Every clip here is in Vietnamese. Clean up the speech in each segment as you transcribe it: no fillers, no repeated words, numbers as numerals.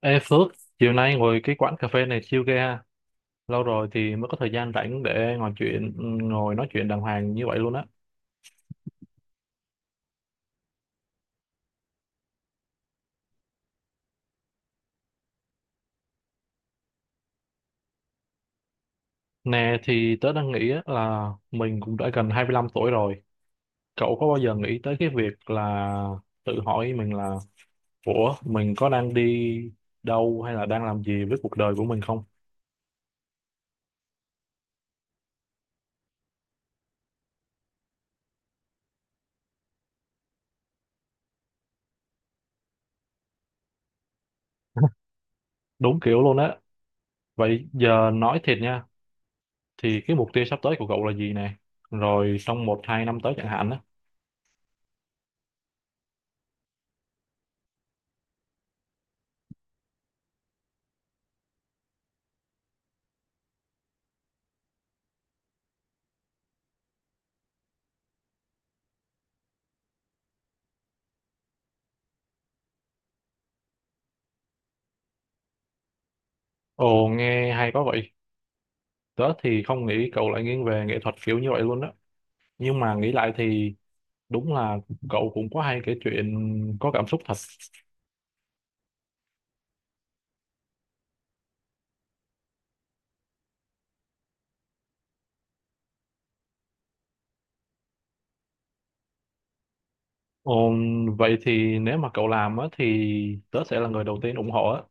Ê Phước, chiều nay ngồi cái quán cà phê này chill ghê ha. Lâu rồi thì mới có thời gian rảnh để ngồi nói chuyện đàng hoàng như vậy luôn á. Nè thì tớ đang nghĩ á là mình cũng đã gần 25 tuổi rồi. Cậu có bao giờ nghĩ tới cái việc là tự hỏi mình là ủa, mình có đang đi đâu hay là đang làm gì với cuộc đời của mình không? Đúng kiểu luôn á. Vậy giờ nói thiệt nha, thì cái mục tiêu sắp tới của cậu là gì nè? Rồi trong một hai năm tới chẳng hạn á. Ồ, nghe hay quá vậy. Tớ thì không nghĩ cậu lại nghiêng về nghệ thuật kiểu như vậy luôn á. Nhưng mà nghĩ lại thì đúng là cậu cũng có hay kể chuyện, có cảm xúc thật. Ồ, vậy thì nếu mà cậu làm á thì tớ sẽ là người đầu tiên ủng hộ á.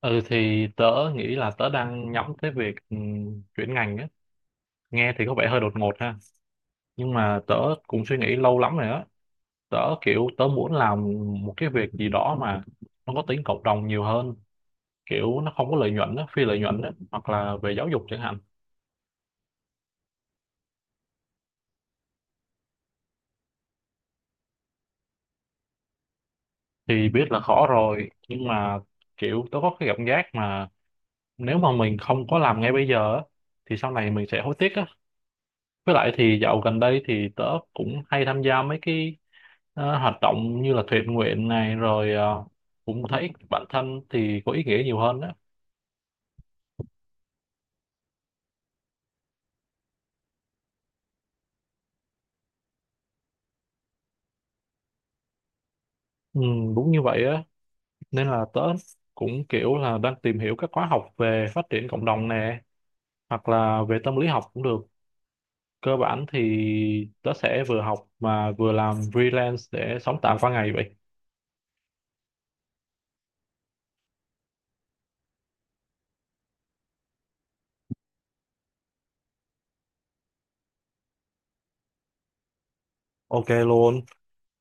Ừ thì tớ nghĩ là tớ đang nhắm tới việc chuyển ngành á. Nghe thì có vẻ hơi đột ngột ha. Nhưng mà tớ cũng suy nghĩ lâu lắm rồi á. Kiểu tớ muốn làm một cái việc gì đó mà nó có tính cộng đồng nhiều hơn. Kiểu nó không có lợi nhuận á, phi lợi nhuận á. Hoặc là về giáo dục chẳng hạn, thì biết là khó rồi nhưng mà kiểu tôi có cái cảm giác mà nếu mà mình không có làm ngay bây giờ á, thì sau này mình sẽ hối tiếc á. Với lại thì dạo gần đây thì tớ cũng hay tham gia mấy cái hoạt động như là thiện nguyện này, rồi cũng thấy bản thân thì có ý nghĩa nhiều hơn á. Ừ, đúng như vậy á, nên là tớ cũng kiểu là đang tìm hiểu các khóa học về phát triển cộng đồng nè, hoặc là về tâm lý học cũng được. Cơ bản thì tớ sẽ vừa học mà vừa làm freelance để sống tạm qua ngày vậy. OK luôn,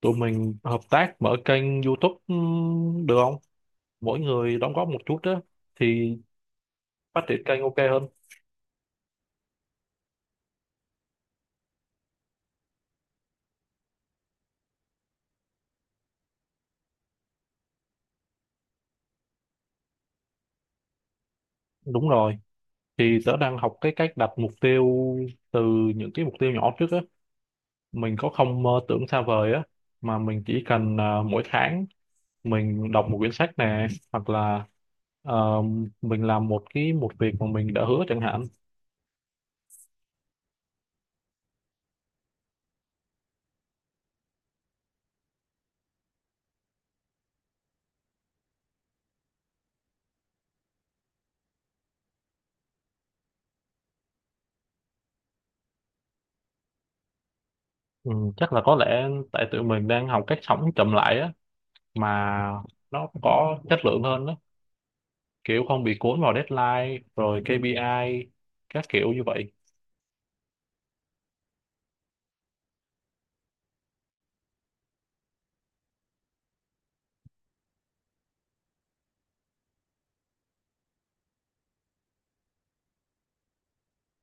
tụi mình hợp tác mở kênh YouTube được không? Mỗi người đóng góp một chút á thì phát triển kênh OK hơn. Đúng rồi, thì tớ đang học cái cách đặt mục tiêu từ những cái mục tiêu nhỏ trước á. Mình có không mơ tưởng xa vời á, mà mình chỉ cần mỗi tháng mình đọc một quyển sách nè, hoặc là ờ, mình làm một việc mà mình đã hứa chẳng hạn. Ừ, chắc là có lẽ tại tụi mình đang học cách sống chậm lại á, mà nó có chất lượng hơn đó, kiểu không bị cuốn vào deadline rồi KPI các kiểu như vậy.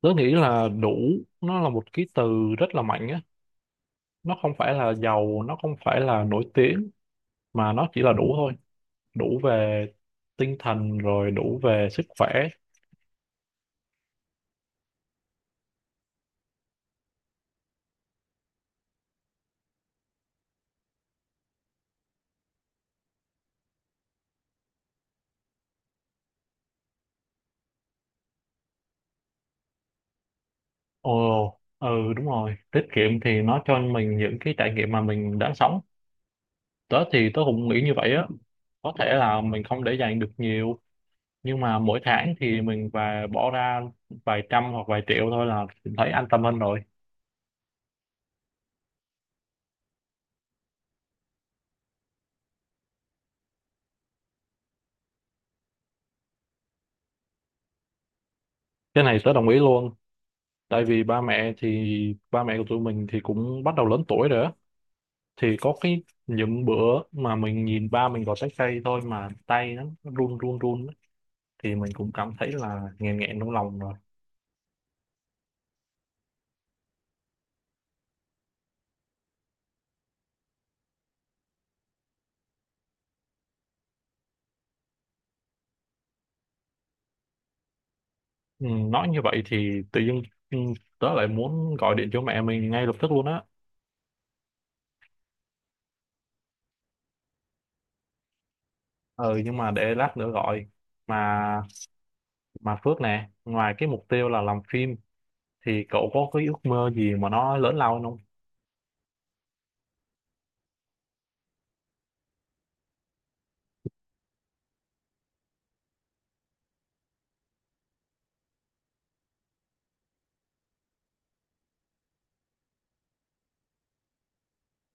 Tớ nghĩ là đủ nó là một cái từ rất là mạnh á. Nó không phải là giàu, nó không phải là nổi tiếng, mà nó chỉ là đủ thôi. Đủ về tinh thần rồi đủ về sức khỏe. Ồ ừ, đúng rồi, tiết kiệm thì nó cho mình những cái trải nghiệm mà mình đã sống. Tớ thì tớ cũng nghĩ như vậy á. Có thể là mình không để dành được nhiều, nhưng mà mỗi tháng thì mình và bỏ ra vài trăm hoặc vài triệu thôi là mình thấy an tâm hơn rồi. Cái này tớ đồng ý luôn, tại vì ba mẹ của tụi mình thì cũng bắt đầu lớn tuổi rồi á. Thì có cái những bữa mà mình nhìn ba mình gọt trái cây thôi mà tay nó run run run á, thì mình cũng cảm thấy là nghẹn nghẹn trong lòng rồi. Ừ, nói như vậy thì tự dưng, ừ, tớ lại muốn gọi điện cho mẹ mình ngay lập tức luôn á. Ừ, nhưng mà để lát nữa gọi mà. Mà Phước nè, ngoài cái mục tiêu là làm phim thì cậu có cái ước mơ gì mà nó lớn lao hơn không?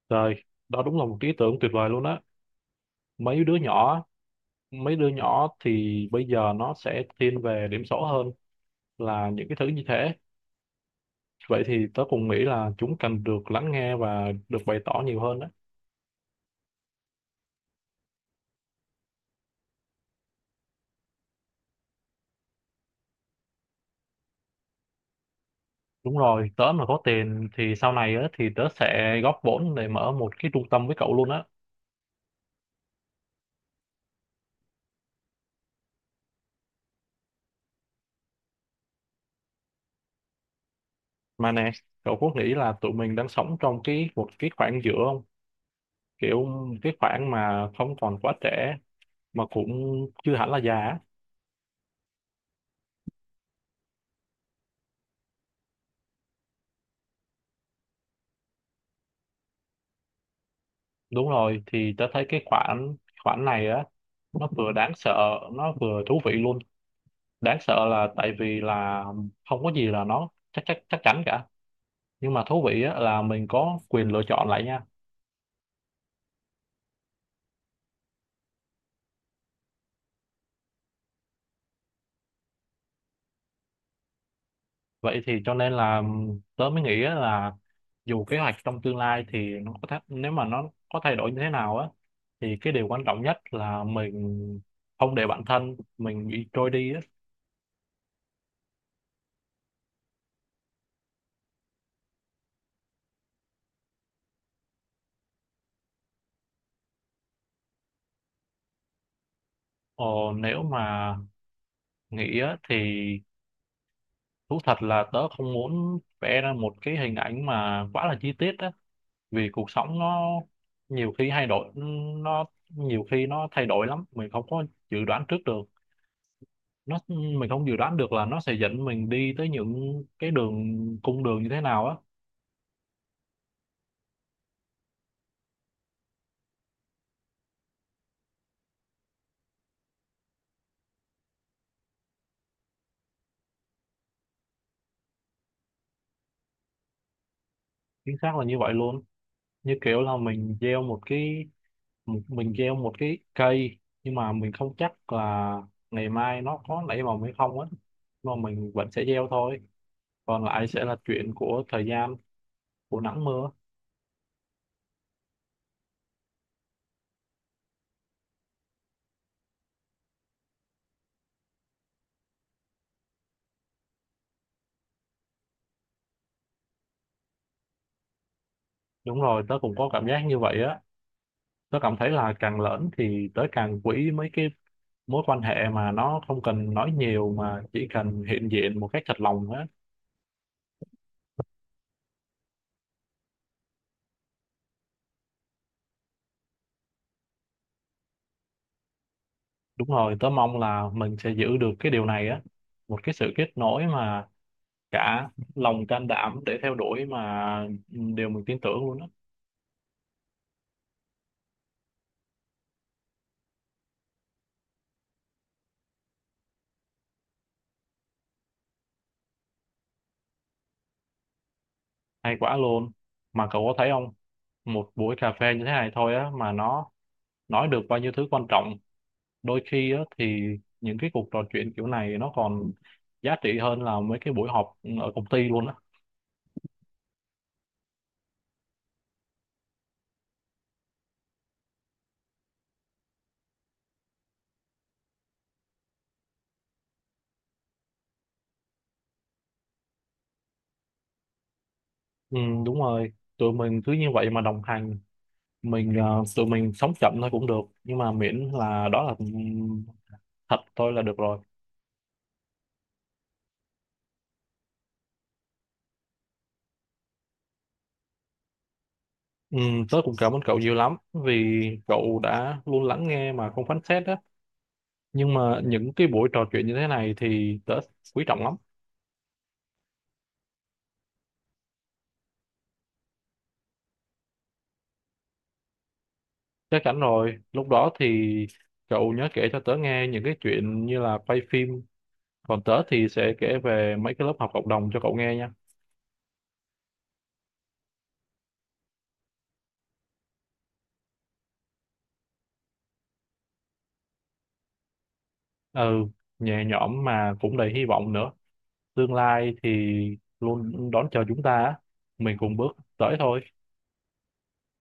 Trời, đó đúng là một cái ý tưởng tuyệt vời luôn á. Mấy đứa nhỏ, mấy đứa nhỏ thì bây giờ nó sẽ thiên về điểm số hơn là những cái thứ như thế. Vậy thì tớ cũng nghĩ là chúng cần được lắng nghe và được bày tỏ nhiều hơn đó. Đúng rồi, tớ mà có tiền thì sau này á, thì tớ sẽ góp vốn để mở một cái trung tâm với cậu luôn á. Mà nè, cậu có nghĩ là tụi mình đang sống trong một cái khoảng giữa không? Kiểu cái khoảng mà không còn quá trẻ mà cũng chưa hẳn là già á. Đúng rồi, thì tớ thấy cái khoản khoản này á nó vừa đáng sợ, nó vừa thú vị luôn. Đáng sợ là tại vì là không có gì là nó chắc chắc chắc chắn cả, nhưng mà thú vị á là mình có quyền lựa chọn lại nha. Vậy thì cho nên là tớ mới nghĩ á là dù kế hoạch trong tương lai thì nếu mà nó có thay đổi như thế nào á thì cái điều quan trọng nhất là mình không để bản thân mình bị trôi đi á. Ờ, nếu mà nghĩ á, thì thú thật là tớ không muốn vẽ ra một cái hình ảnh mà quá là chi tiết á, vì cuộc sống nó nhiều khi thay đổi, nó nhiều khi nó thay đổi lắm, mình không có dự đoán trước được. Mình không dự đoán được là nó sẽ dẫn mình đi tới những cái cung đường như thế nào á. Chính xác là như vậy luôn. Như kiểu là mình gieo một cái, mình gieo một cái cây nhưng mà mình không chắc là ngày mai nó có nảy mầm hay không á, mà mình vẫn sẽ gieo thôi. Còn lại sẽ là chuyện của thời gian, của nắng mưa. Đúng rồi, tớ cũng có cảm giác như vậy á. Tớ cảm thấy là càng lớn thì tớ càng quý mấy cái mối quan hệ mà nó không cần nói nhiều mà chỉ cần hiện diện một cách thật lòng á. Đúng rồi, tớ mong là mình sẽ giữ được cái điều này á. Một cái sự kết nối mà cả lòng can đảm để theo đuổi mà, ừ, điều mình tin tưởng luôn á. Hay quá luôn, mà cậu có thấy không, một buổi cà phê như thế này thôi á mà nó nói được bao nhiêu thứ quan trọng. Đôi khi á thì những cái cuộc trò chuyện kiểu này nó còn giá trị hơn là mấy cái buổi họp ở công ty luôn á. Ừ, đúng rồi, tụi mình cứ như vậy mà đồng hành. Tụi mình sống chậm thôi cũng được nhưng mà miễn là đó là, ừ, thật thôi là được rồi. Ừ, tớ cũng cảm ơn cậu nhiều lắm vì cậu đã luôn lắng nghe mà không phán xét đó. Nhưng mà những cái buổi trò chuyện như thế này thì tớ quý trọng lắm. Chắc chắn rồi, lúc đó thì cậu nhớ kể cho tớ nghe những cái chuyện như là quay phim. Còn tớ thì sẽ kể về mấy cái lớp học cộng đồng cho cậu nghe nha. Ừ, nhẹ nhõm mà cũng đầy hy vọng nữa. Tương lai thì luôn đón chờ chúng ta, á. Mình cùng bước tới thôi.